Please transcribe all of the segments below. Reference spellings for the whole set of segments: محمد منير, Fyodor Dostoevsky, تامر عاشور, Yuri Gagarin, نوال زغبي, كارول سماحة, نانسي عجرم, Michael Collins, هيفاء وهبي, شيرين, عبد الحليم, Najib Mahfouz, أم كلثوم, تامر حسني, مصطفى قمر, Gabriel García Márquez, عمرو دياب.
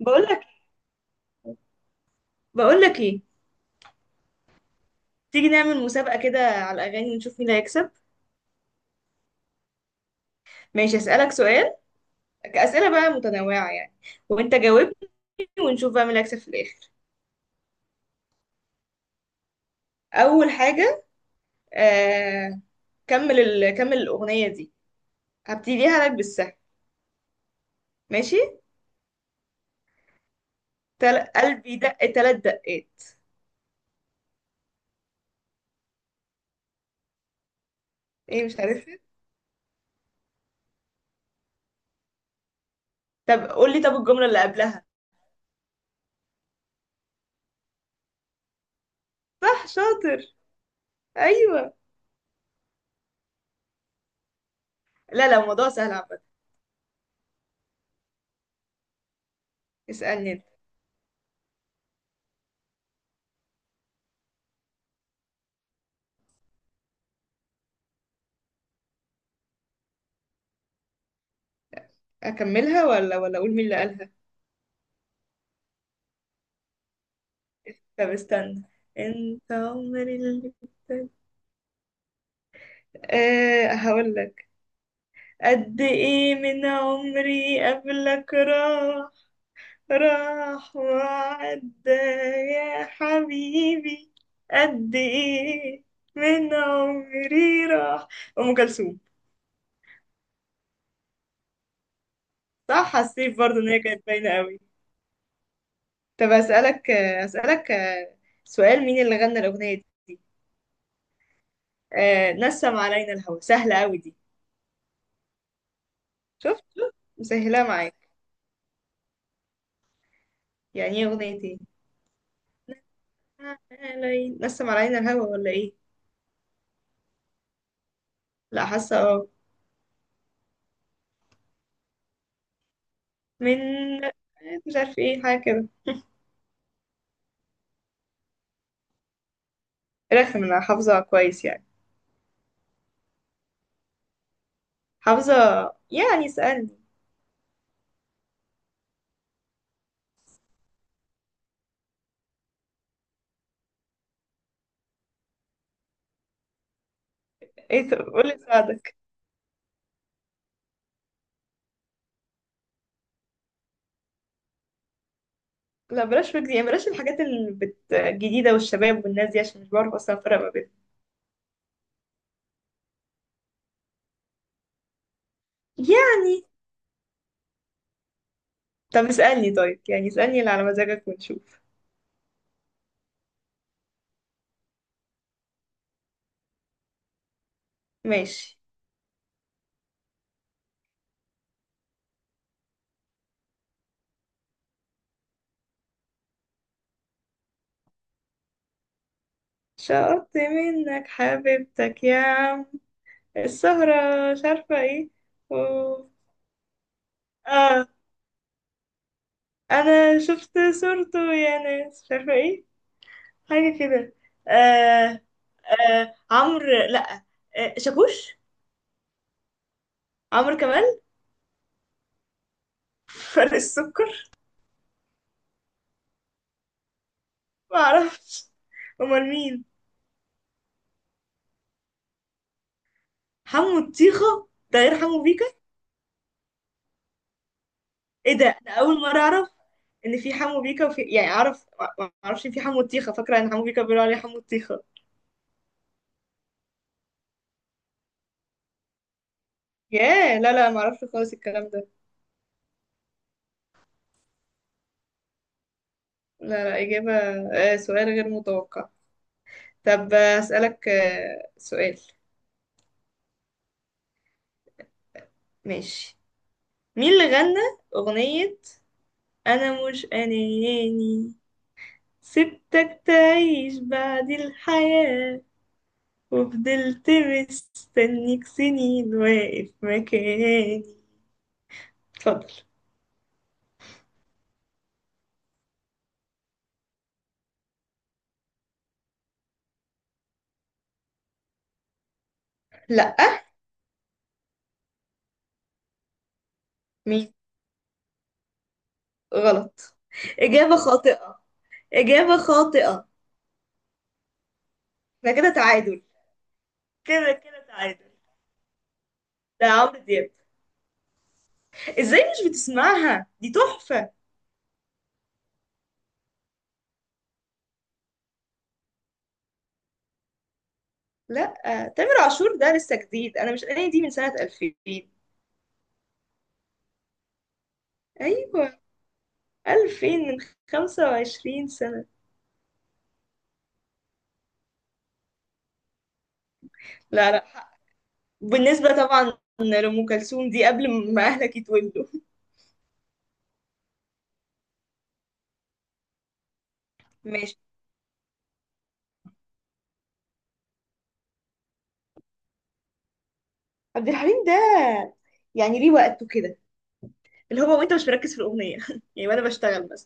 بقول لك بقول لك ايه؟ تيجي نعمل مسابقة كده على الأغاني ونشوف مين اللي هيكسب. ماشي، أسألك سؤال، أسئلة بقى متنوعة يعني، وأنت جاوبني ونشوف بقى مين اللي هيكسب في الآخر. أول حاجة آه... كمل كمل الأغنية دي، هبتديها لك بالسهل. ماشي، قلبي دق تلات دقات. ايه، مش عارفة. طب قول لي، طب الجملة اللي قبلها. صح شاطر. أيوه. لا لا الموضوع سهل عامة. اسألني أنت. أكملها ولا أقول مين اللي قالها؟ طب استنى، أنت عمري اللي، أه هقولك، قد ايه من عمري قبلك راح، راح وعدى يا حبيبي، قد ايه من عمري راح. ام كلثوم. صح، حسيت برضو ان هي كانت باينه قوي. طب اسالك اسالك سؤال، مين اللي غنى الاغنيه دي؟ أه، نسم علينا الهوى، سهله قوي دي. شفت مسهلاه معاك. يعني ايه اغنيه ايه؟ نسم علينا الهوى ولا ايه؟ لا حاسه اه. من، مش عارف ايه، حاجه كده. رخم، انا حافظه كويس يعني. حافظه، يعني اسالني. ايه، طب قولي اساعدك. لا بلاش فكرة، يعني بلاش الحاجات اللي الجديده والشباب والناس دي عشان مش بعرف اصلا افرق ما بينهم. يعني طب اسالني، طيب يعني اسالني اللي على مزاجك ونشوف. ماشي. شقطت منك حبيبتك يا عم، السهرة، مش عارفة ايه. أوه. اه، انا شفت صورته يا ناس، مش عارفة ايه، حاجة كده. آه. آه عمرو، لا، آه شاكوش. عمرو كمال. فرق السكر. ما اعرفش. امال مين؟ حمو الطيخة ده غير حمو بيكا؟ ايه ده، ده اول مرة اعرف ان في حمو بيكا وفي، يعني اعرف، ما اعرفش إن في حمو الطيخة، فاكرة ان حمو بيكا بيقولوا عليه حمو الطيخة. ياه، لا لا ما اعرفش خالص الكلام ده. لا لا، اجابة. آه سؤال غير متوقع. طب اسألك سؤال. ماشي. مين اللي غنى اغنية انا مش اناني، سبتك تعيش بعد الحياة، وفضلت مستنيك سنين واقف مكاني؟ اتفضل. لأ. مين؟ غلط. إجابة خاطئة، إجابة خاطئة. ده كده تعادل. كده كده تعادل. ده عمرو دياب. ازاي مش بتسمعها، دي تحفة. لأ، تامر عاشور ده لسه جديد. أنا مش أنا دي من سنة 2000. أيوة، 2000، من 25 سنة. لا لا، وبالنسبة طبعا لأم كلثوم دي قبل ما أهلك يتولوا. ماشي. عبد الحليم ده، يعني ليه وقته كده، اللي هو وانت مش مركز في الأغنية يعني، وأنا بشتغل بس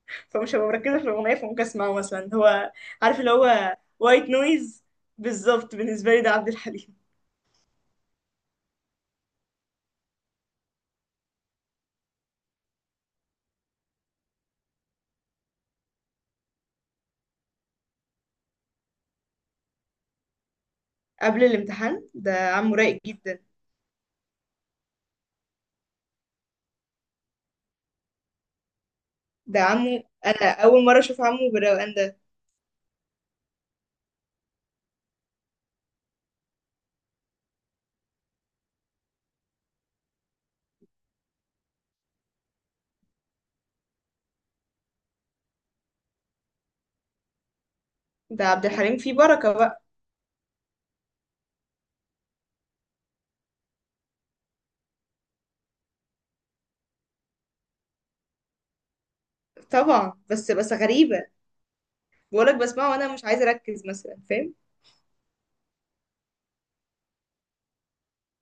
فمش هبقى مركزة في الأغنية فممكن أسمعه مثلا، هو عارف اللي هو وايت نويز، بالظبط بالنسبة لي ده عبد الحليم. قبل الامتحان، ده عمه رايق جدا. ده عمه، أول مرة أشوف عمه بالروقان ده. ده عبد الحليم فيه بركة بقى. طبعا، بس غريبة. بقولك بسمعه وأنا مش عايزة أركز مثلا، فاهم.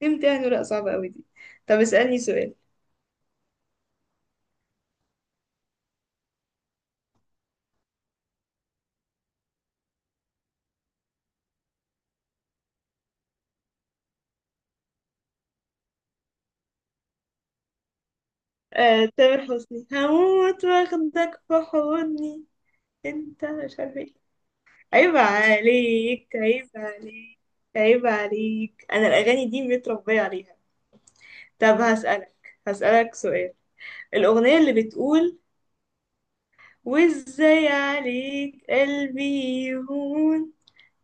تمتحن ورقة صعبة قوي دي. طب اسألني سؤال. آه، تامر حسني، هموت واخدك في حضني، انت مش عارفة ايه. عيب عليك، عيب عليك، عيب عليك، انا الاغاني دي متربية عليها. طب هسألك، هسألك سؤال. الأغنية اللي بتقول، وازاي عليك قلبي يهون،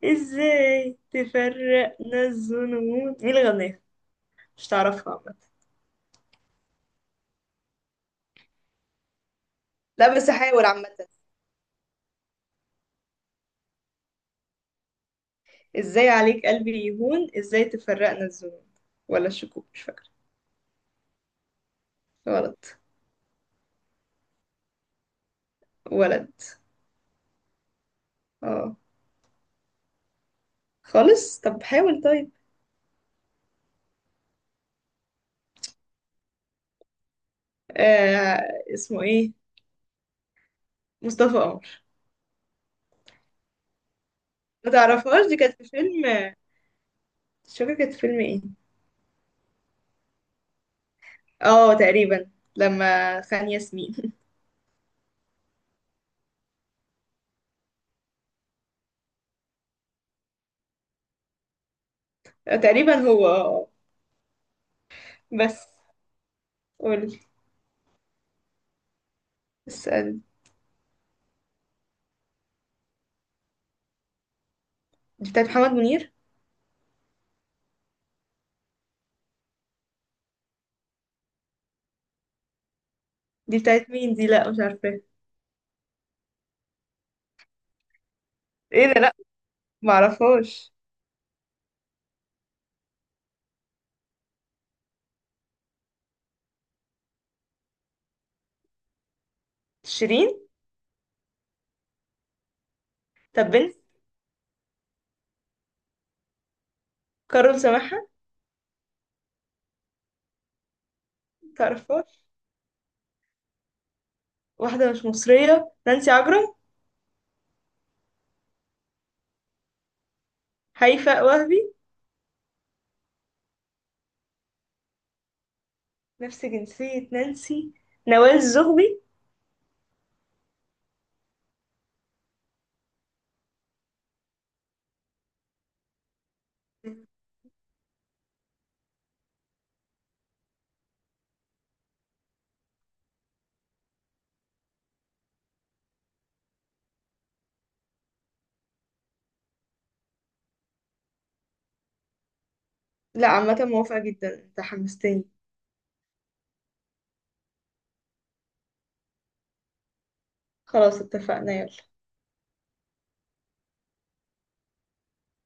ازاي تفرقنا الظنون، مين اللي غناها؟ مش تعرفها عامة. لا بس هحاول عامة. ازاي عليك قلبي يهون، ازاي تفرقنا الذنوب، ولا الشكوك، مش فاكرة. غلط. ولد. اه. خالص، طب حاول طيب. آه، اسمه ايه؟ مصطفى قمر. ما تعرفهاش، دي كانت في فيلم، مش فاكرة كانت في فيلم ايه. اه تقريبا، لما خان ياسمين. تقريبا هو اه. بس قولي. اسأل. دي بتاعت محمد منير؟ دي بتاعت مين دي، لا مش عارفة. ايه ده، لا معرفهاش. شيرين. طب بنت. كارول سماحة. تعرفهاش. واحدة مش مصرية، نانسي عجرم. هيفاء وهبي. نفس جنسية نانسي. نوال زغبي. لا عامة موافقة جدا، انت حمستني. خلاص اتفقنا يلا.